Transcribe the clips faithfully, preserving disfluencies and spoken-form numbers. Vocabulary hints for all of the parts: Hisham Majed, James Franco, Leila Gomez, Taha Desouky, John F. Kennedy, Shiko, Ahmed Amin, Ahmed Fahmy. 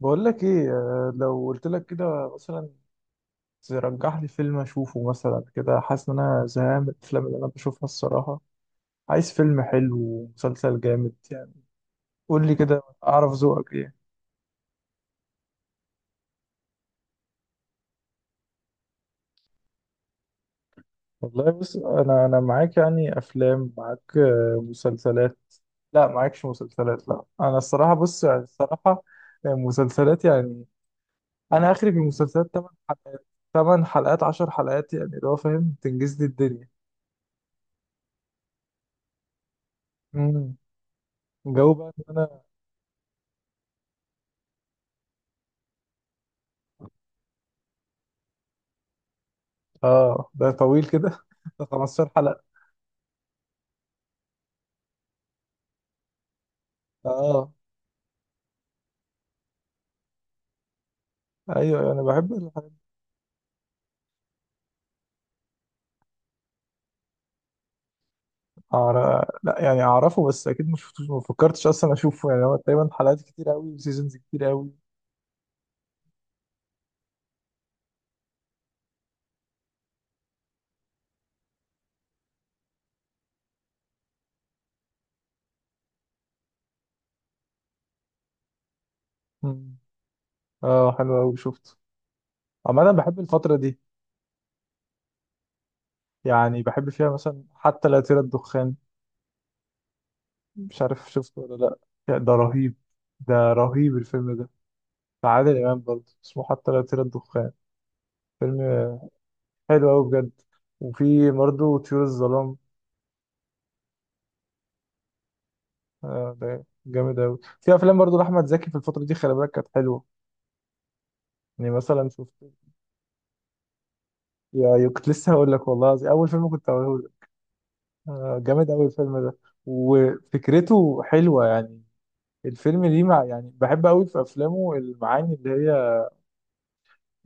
بقول لك ايه، آه، لو قلت لك كده مثلا ترجح لي فيلم اشوفه مثلا كده. حاسس ان انا زهقان من الافلام اللي انا بشوفها الصراحه. عايز فيلم حلو ومسلسل جامد يعني. قول لي كده اعرف ذوقك ايه. والله بص انا انا معاك يعني، افلام معاك، آه، مسلسلات. لا، معاكش مسلسلات، لا انا الصراحه بص يعني الصراحه. آه، مسلسلات يعني. انا اخري في المسلسلات ثمان حلقات، ثمان حلقات، عشر حلقات، يعني اللي هو فاهم تنجز لي الدنيا. امم جو بقى ان انا. اه ده طويل كده ده خمستاشر حلقة. اه. ايوه انا بحب الحاجات دي. أعرف... لا يعني اعرفه بس اكيد مش شفتوش، ما فكرتش اصلا اشوفه يعني. هو تقريبا حلقات كتير قوي وسيزونز كتير قوي. مم. اه حلو قوي شفته. عموما انا بحب الفترة دي. يعني بحب فيها مثلا حتى لا يطير الدخان، مش عارف شفته ولا لا. يا ده رهيب، ده رهيب الفيلم ده. بتاع عادل امام برضه، اسمه حتى لا يطير الدخان، فيلم حلو قوي بجد. وفي برضه طيور الظلام. آه ده جامد أوي. في أفلام برضو لأحمد زكي في الفترة دي خلي بالك كانت حلوة. يعني مثلا شفت، يا يا- كنت لسه هقول لك والله العظيم، أول فيلم كنت هقوله لك. آه جامد أوي الفيلم ده وفكرته حلوة يعني. الفيلم ليه مع، يعني بحب أوي في أفلامه المعاني اللي هي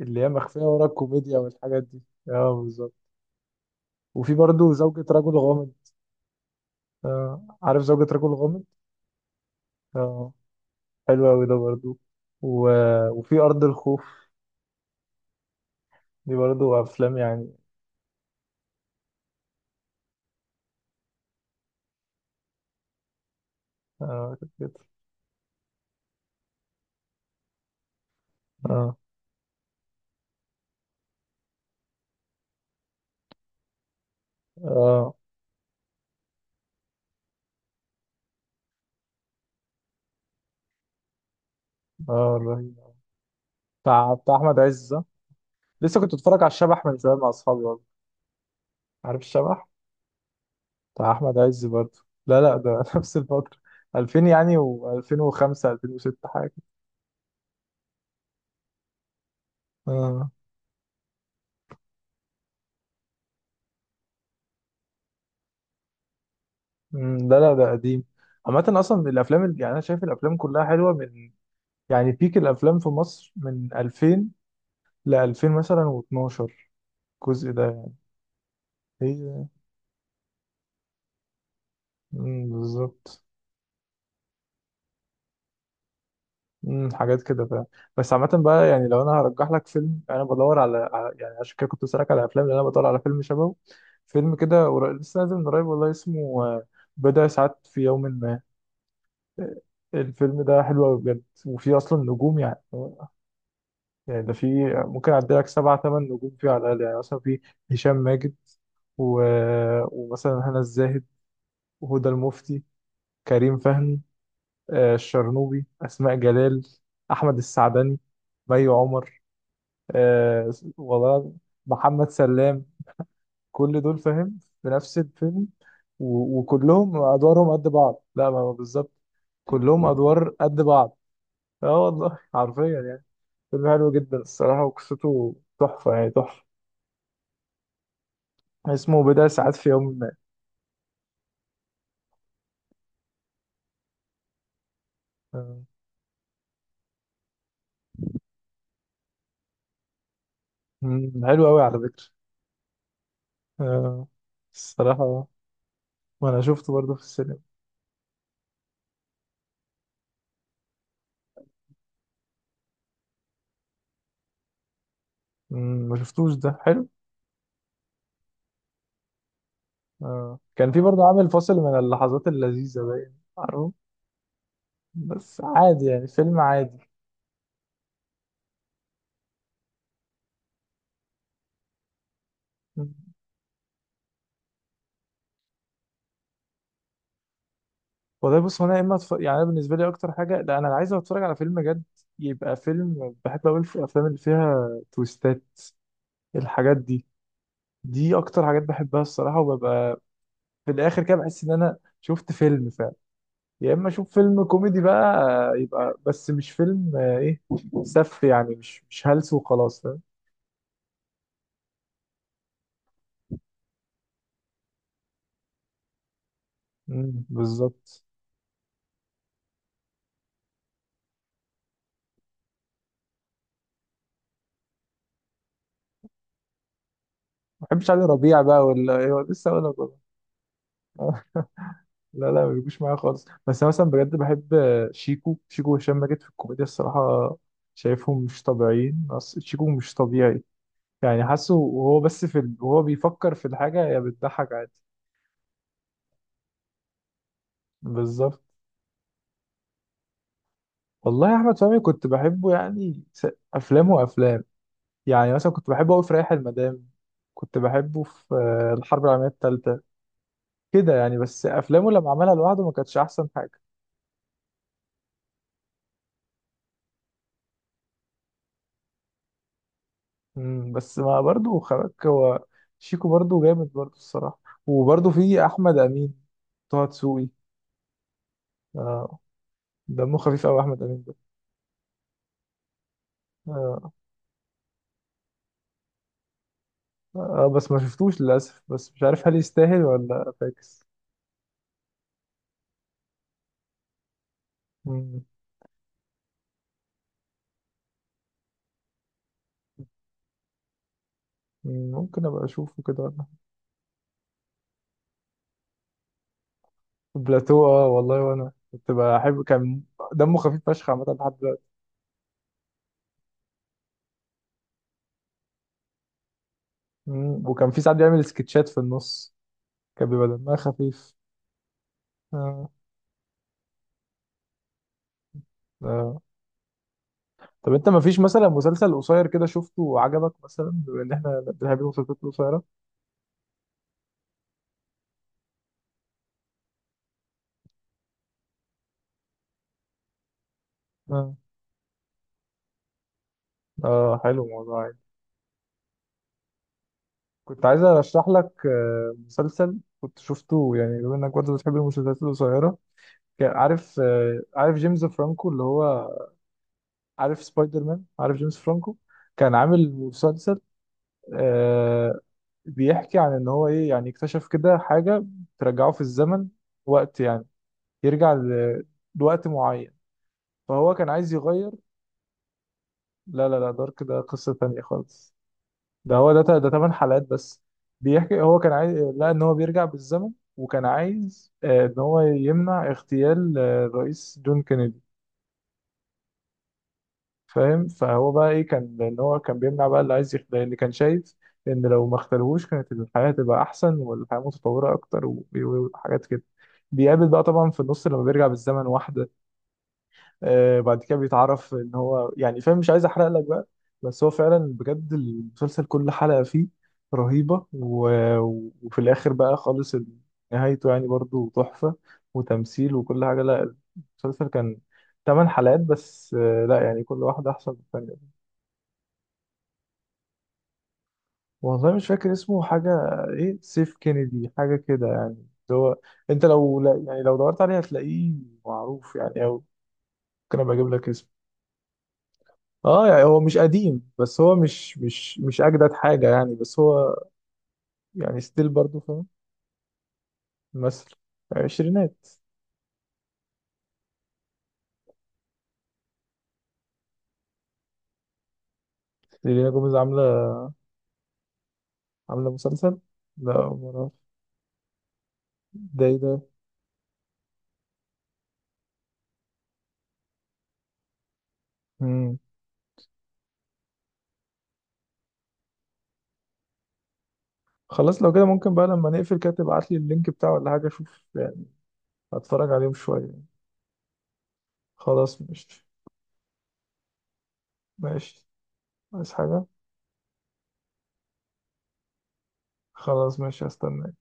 اللي هي مخفية ورا الكوميديا والحاجات دي. اه بالظبط. وفي برضو زوجة رجل غامض. آه عارف زوجة رجل غامض. اه حلو أوي ده برضو. و... وفي أرض الخوف، دي برضو أفلام يعني. آه كانت كده. آه. اه. اه رهيب. بتاع بتاع احمد عز، صح؟ لسه كنت بتفرج على الشبح من شويه مع اصحابي والله. عارف الشبح، بتاع احمد عز برضه. لا لا ده نفس الفتره، ألفين يعني، وألفين وخمسة ألفين وستة حاجه. اه. أمم، لا لا ده قديم. عامه اصلا الافلام ال- يعني انا شايف الافلام كلها حلوه من، يعني بيك الافلام في مصر من ألفين ل ألفين مثلا واتناشر، الجزء ده يعني. هي. أمم، بالظبط. مم، حاجات كده فاهم. بس عامة بقى يعني لو أنا هرجح لك فيلم أنا بدور على على- يعني عشان كده كنت بسألك على أفلام لأن أنا بدور على فيلم شبهه. فيلم كده قريب- لسه نازل من قريب والله، اسمه آه، بضع ساعات في يوم ما، آه، الفيلم ده حلو أوي بجد وفيه أصلا نجوم يعني. يعني ده فيه، ممكن أعدي لك سبعة تمن نجوم فيه على الأقل، يعني مثلا فيه هشام ماجد، و... ومثلا هنا الزاهد، وهدى المفتي، كريم فهمي، آه، الشرنوبي، أسماء جلال، أحمد السعدني، مي عمر، آه والله، محمد سلام. كل دول فاهم في نفس الفيلم، و- وكلهم ادوارهم قد بعض، لا ما هو بالظبط، كلهم ادوار قد بعض. اه والله حرفيا يعني. فيلم حلو جدا الصراحه وقصته تحفه، يعني تحفه. اسمه بضع ساعات في يوم ما. آه، مم، حلو قوي على فكره. آه الصراحه. وانا شفته برضه في السينما. مم، ما شفتوش ده، حلو. آه كان في برضه عامل فاصل من اللحظات اللذيذه باين عارفه. بس عادي يعني، فيلم عادي. مم. والله بص، هو انا يا اما أتف... يعني انا بالنسبه لي اكتر حاجه، لا انا عايز اتفرج على فيلم جد، يبقى فيلم. بحب اقول في الافلام اللي فيها تويستات، الحاجات دي، دي اكتر حاجات بحبها الصراحه. وببقى في الاخر كده بحس ان انا شفت فيلم فعلا. يا اما اشوف فيلم كوميدي بقى، آه، يبقى بس مش فيلم، آه، ايه سف يعني، مش مش هلس وخلاص، فاهم. مم، بالظبط. ما بحبش علي ربيع بقى ولا إيه، لسه اقول لك. والله لا لا ما بيجوش معايا خالص. بس انا مثلا بجد بحب شيكو شيكو وهشام ماجد في الكوميديا الصراحه. شايفهم مش طبيعيين، أص- شيكو مش طبيعي. يعني حاسه وهو بس في ال...، وهو بيفكر في الحاجه يا بتضحك عادي. بالظبط. والله يا احمد فهمي كنت بحبه يعني، س... افلام وافلام. يعني مثلا كنت بحبه قوي في رايح المدام، كنت بحبه في آه، الحرب العالميه الثالثه كده يعني. بس افلامه لما عملها لوحده ما كانتش احسن حاجه. مم، بس ما برضه خباك هو، شيكو برضه جامد برضه الصراحة. وبرضه في أحمد أمين، طه دسوقي. آه دمه خفيف أوي أحمد أمين ده. آه. آه بس ما شفتوش للأسف، بس مش عارف هل يستاهل ولا فاكس. مم. مم، ممكن أبقى أشوفه كده ولا. بلاتو، آه والله وأنا كنت بحب، كان دمه خفيف فشخ عامة لحد دلوقتي. مم، وكان في ساعات بيعمل سكتشات في النص، كان بيبقى دمها خفيف. آه. آه. طب انت ما فيش مثلا مسلسل قصير كده شفته وعجبك، مثلا بما ان احنا بنحب المسلسلات القصيره. آه. اه حلو الموضوع يعني. كنت عايز ارشح لك آه، مسلسل كنت شفته، يعني بما انك برضه بتحب المسلسلات القصيره. كان عارف، آه، عارف جيمس فرانكو اللي هو، عارف سبايدر مان، عارف جيمس فرانكو. كان عامل مسلسل آه، بيحكي عن ان هو ايه، يعني اكتشف كده حاجه ترجعه في الزمن، وقت يعني، يرجع ل- لوقت معين، فهو كان عايز يغير. لا لا لا، دارك ده قصة تانية خالص. ده هو ده ده تمن حلقات بس. بيحكي هو كان عايز، لا ان هو بيرجع بالزمن، وكان عايز آه، ان هو يمنع اغتيال آه، الرئيس جون كينيدي، فاهم. فهو بقى ايه، كان ان هو كان بيمنع بقى اللي عايز يغتال، اللي كان شايف ان لو ما اغتالهوش كانت الحياة تبقى احسن والحياة متطورة اكتر، و- و- وحاجات كده. بيقابل بقى طبعا في النص لما بيرجع بالزمن واحدة، آه، بعد كده بيتعرف ان هو يعني، فاهم، مش عايز احرق لك بقى. بس هو فعلا بجد المسلسل كل حلقة فيه رهيبة، و... وفي الاخر بقى خالص ال- نهايته يعني برضو تحفة، وتمثيل وكل حاجة. لا المسلسل كان ثمان حلقات بس، آه، لا يعني كل واحدة احسن من الثانية. والله مش فاكر اسمه حاجة، ايه سيف كينيدي حاجة كده، يعني اللي هو انت لو، لا يعني، لو دورت عليه هتلاقيه معروف يعني، او ممكن ابقى اجيب لك اسمه. اه يعني هو مش قديم، بس هو مش مش مش اجدد حاجه يعني، بس هو يعني ستيل برضه فاهم. مثل، عشرينات. ليلى جوميز عامله، عامله مسلسل. لا ما اعرفش. ده ايه ده. مم. خلاص لو كده ممكن بقى لما نقفل كده تبعت لي اللينك بتاعه ولا حاجه، اشوف يعني، هتفرج عليهم شويه. خلاص ماشي ماشي. عايز حاجه. خلاص ماشي هستناك.